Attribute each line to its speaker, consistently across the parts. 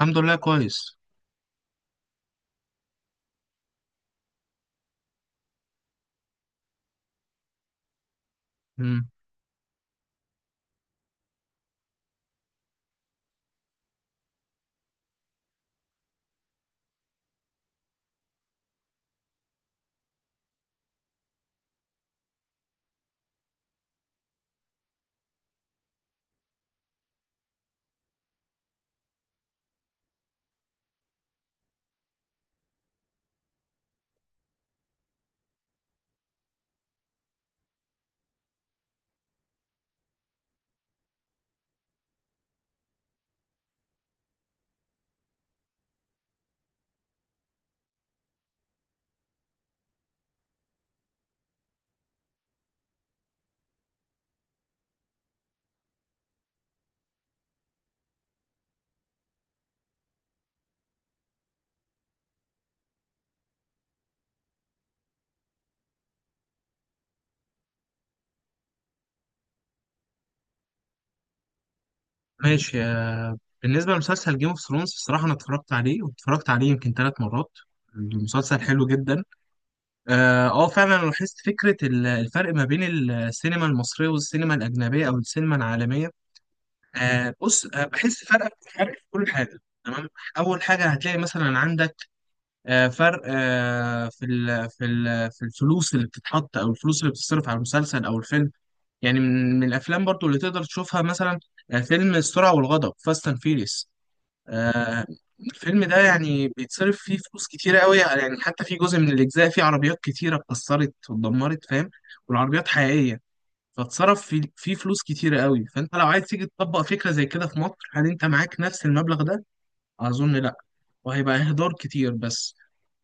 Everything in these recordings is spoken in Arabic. Speaker 1: الحمد لله كويس. مم. ماشي، بالنسبة لمسلسل جيم اوف ثرونز الصراحة أنا اتفرجت عليه واتفرجت عليه يمكن 3 مرات. المسلسل حلو جدا. فعلا أنا لاحظت فكرة الفرق ما بين السينما المصرية والسينما الأجنبية أو السينما العالمية. بص، بحس فرق، فرق في كل حاجة. تمام. أول حاجة هتلاقي مثلا عندك فرق في ال في ال في الفلوس اللي بتتحط أو الفلوس اللي بتصرف على المسلسل أو الفيلم. يعني من الافلام برضو اللي تقدر تشوفها مثلا فيلم السرعه والغضب فاست اند فيريس. الفيلم ده يعني بيتصرف فيه فلوس كتيره قوي، يعني حتى في جزء من الاجزاء فيه عربيات كتيره اتكسرت واتدمرت فاهم. والعربيات حقيقيه. فاتصرف فيه فلوس كتيره قوي. فانت لو عايز تيجي تطبق فكره زي كده في مصر، هل انت معاك نفس المبلغ ده؟ اظن لا. وهيبقى اهدار كتير بس.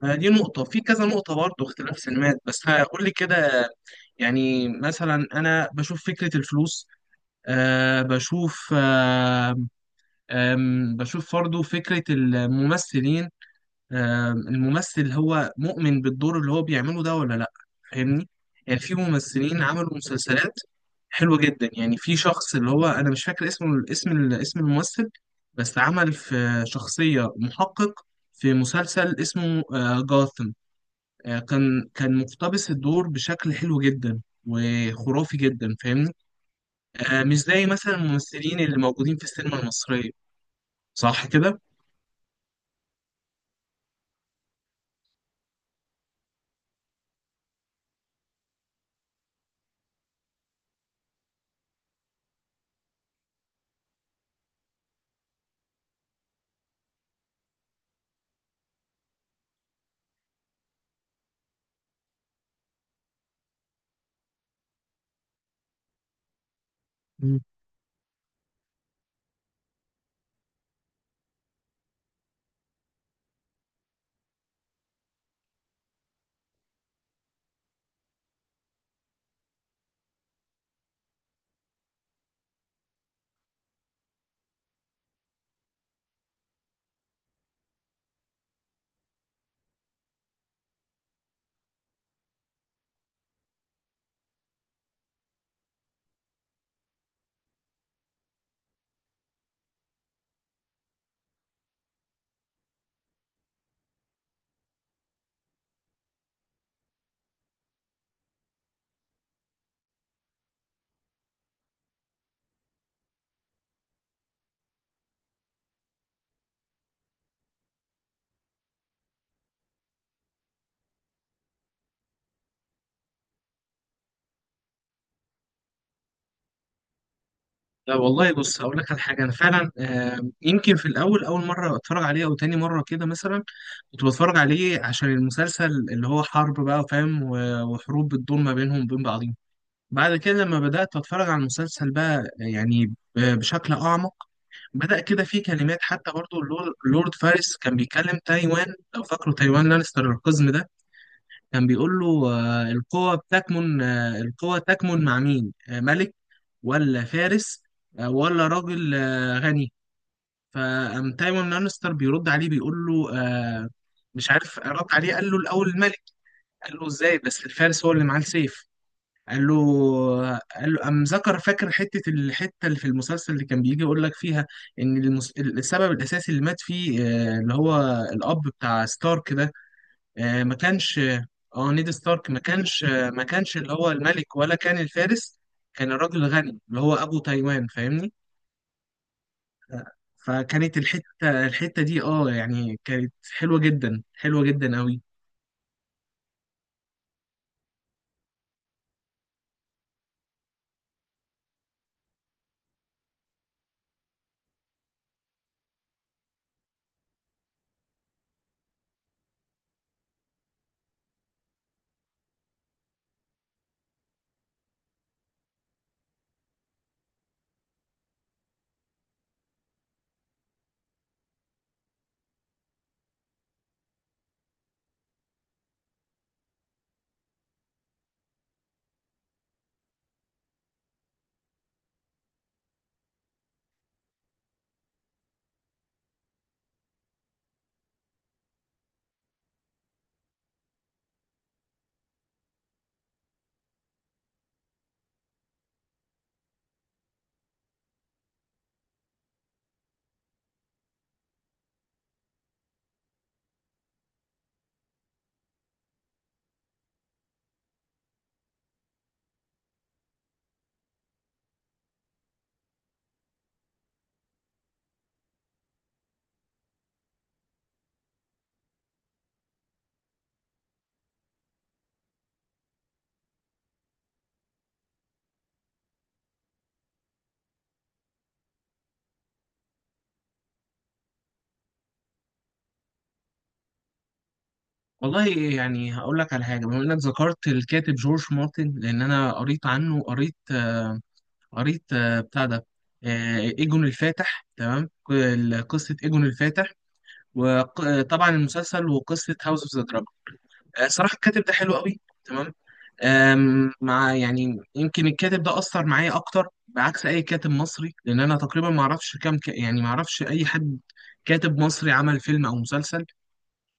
Speaker 1: دي نقطة في كذا نقطة برضه اختلاف سينمات بس هقول لي كده. يعني مثلا أنا بشوف فكرة الفلوس. بشوف أه آم، بشوف برضه فكرة الممثلين. الممثل هو مؤمن بالدور اللي هو بيعمله ده ولا لأ؟ فاهمني. يعني في ممثلين عملوا مسلسلات حلوة جدا. يعني في شخص اللي هو أنا مش فاكر اسمه، اسم الممثل، بس عمل في شخصية محقق في مسلسل اسمه جاثم. كان مقتبس الدور بشكل حلو جدا وخرافي جدا فاهمني. مش زي مثلا الممثلين اللي موجودين في السينما المصرية، صح كده؟ مم. لا والله بص، هقول لك على حاجة. أنا فعلا يمكن في الأول، أول مرة أتفرج عليه أو تاني مرة كده مثلا، كنت بتفرج عليه عشان المسلسل اللي هو حرب بقى فاهم، وحروب بتدور ما بينهم وبين بعضهم. بعد كده لما بدأت أتفرج على المسلسل بقى يعني بشكل أعمق، بدأ كده في كلمات. حتى برضو لورد فارس كان بيكلم تايوان، لو فاكروا تايوان لانستر القزم ده، كان بيقول له القوة بتكمن، القوة تكمن مع مين؟ ملك ولا فارس، ولا راجل غني؟ فقام تايوان لانستر بيرد عليه، بيقول له مش عارف رد عليه، قال له الأول الملك. قال له إزاي؟ بس الفارس هو اللي معاه السيف. قال له قال له قام ذكر، فاكر الحتة اللي في المسلسل اللي كان بيجي يقول لك فيها إن السبب الأساسي اللي مات فيه، اللي هو الأب بتاع ستارك ده، ما كانش. اه نيد ستارك ما كانش اللي هو الملك ولا كان الفارس، كان الراجل الغني اللي هو ابو تايوان فاهمني. فكانت الحته دي يعني كانت حلوه جدا، حلوه جدا قوي. والله يعني هقول لك على حاجه، بما انك ذكرت الكاتب جورج مارتن، لان انا قريت عنه، قريت قريت بتاع ده، ايجون الفاتح، تمام، قصه ايجون الفاتح، وطبعا المسلسل وقصه هاوس اوف ذا دراجون. صراحه الكاتب ده حلو قوي. تمام. مع يعني يمكن الكاتب ده أثر معايا أكتر بعكس أي كاتب مصري، لأن أنا تقريبا ما أعرفش كام يعني ما أعرفش أي حد كاتب مصري عمل فيلم أو مسلسل.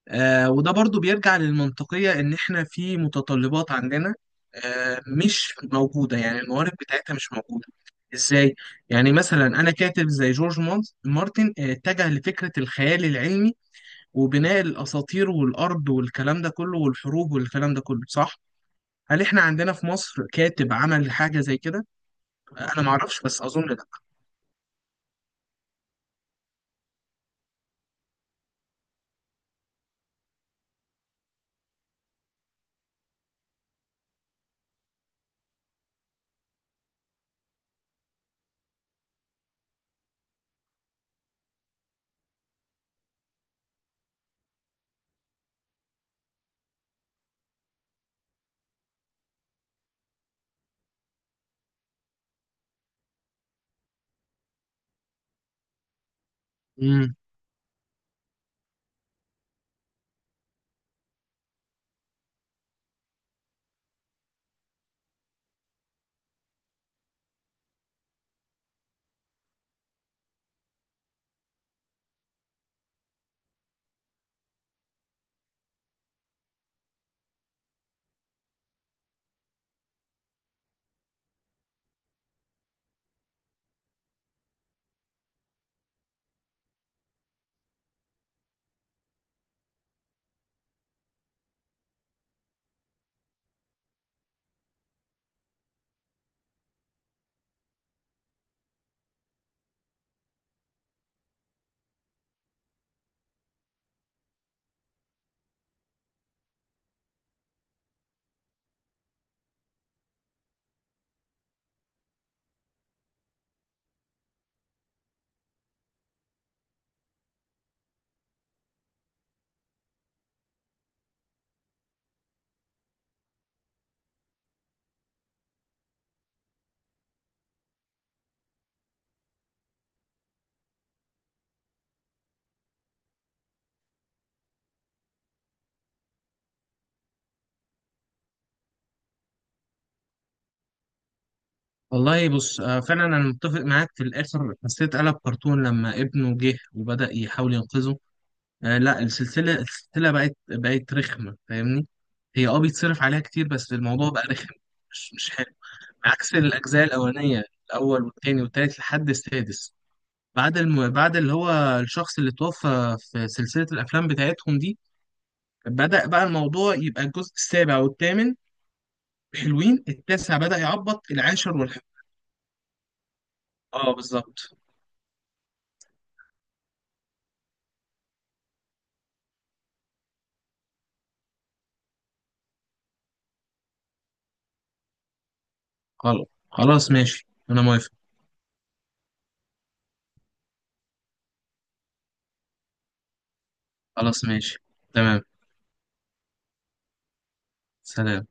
Speaker 1: وده برضو بيرجع للمنطقية إن إحنا في متطلبات عندنا مش موجودة، يعني الموارد بتاعتها مش موجودة. إزاي؟ يعني مثلا أنا كاتب زي جورج مارتن، اتجه لفكرة الخيال العلمي وبناء الأساطير والأرض والكلام ده كله والحروب والكلام ده كله، صح؟ هل احنا عندنا في مصر كاتب عمل حاجة زي كده؟ انا ما اعرفش بس اظن لا. امم والله بص، فعلا انا متفق معاك. في الاخر حسيت قلب كرتون لما ابنه جه وبدأ يحاول ينقذه. لا، السلسلة بقت رخمة، فاهمني؟ هي بيتصرف عليها كتير، بس الموضوع بقى رخم. مش حلو. عكس الاجزاء الاولانية، الاول والتاني والتالت لحد السادس. بعد اللي هو الشخص اللي توفى في سلسلة الافلام بتاعتهم دي، بدأ بقى الموضوع يبقى الجزء السابع والثامن حلوين، التاسع بدأ يعبط، العاشر والحادي. اه، بالظبط. خلاص، خلاص، ماشي، انا موافق. خلاص، ماشي، تمام. سلام.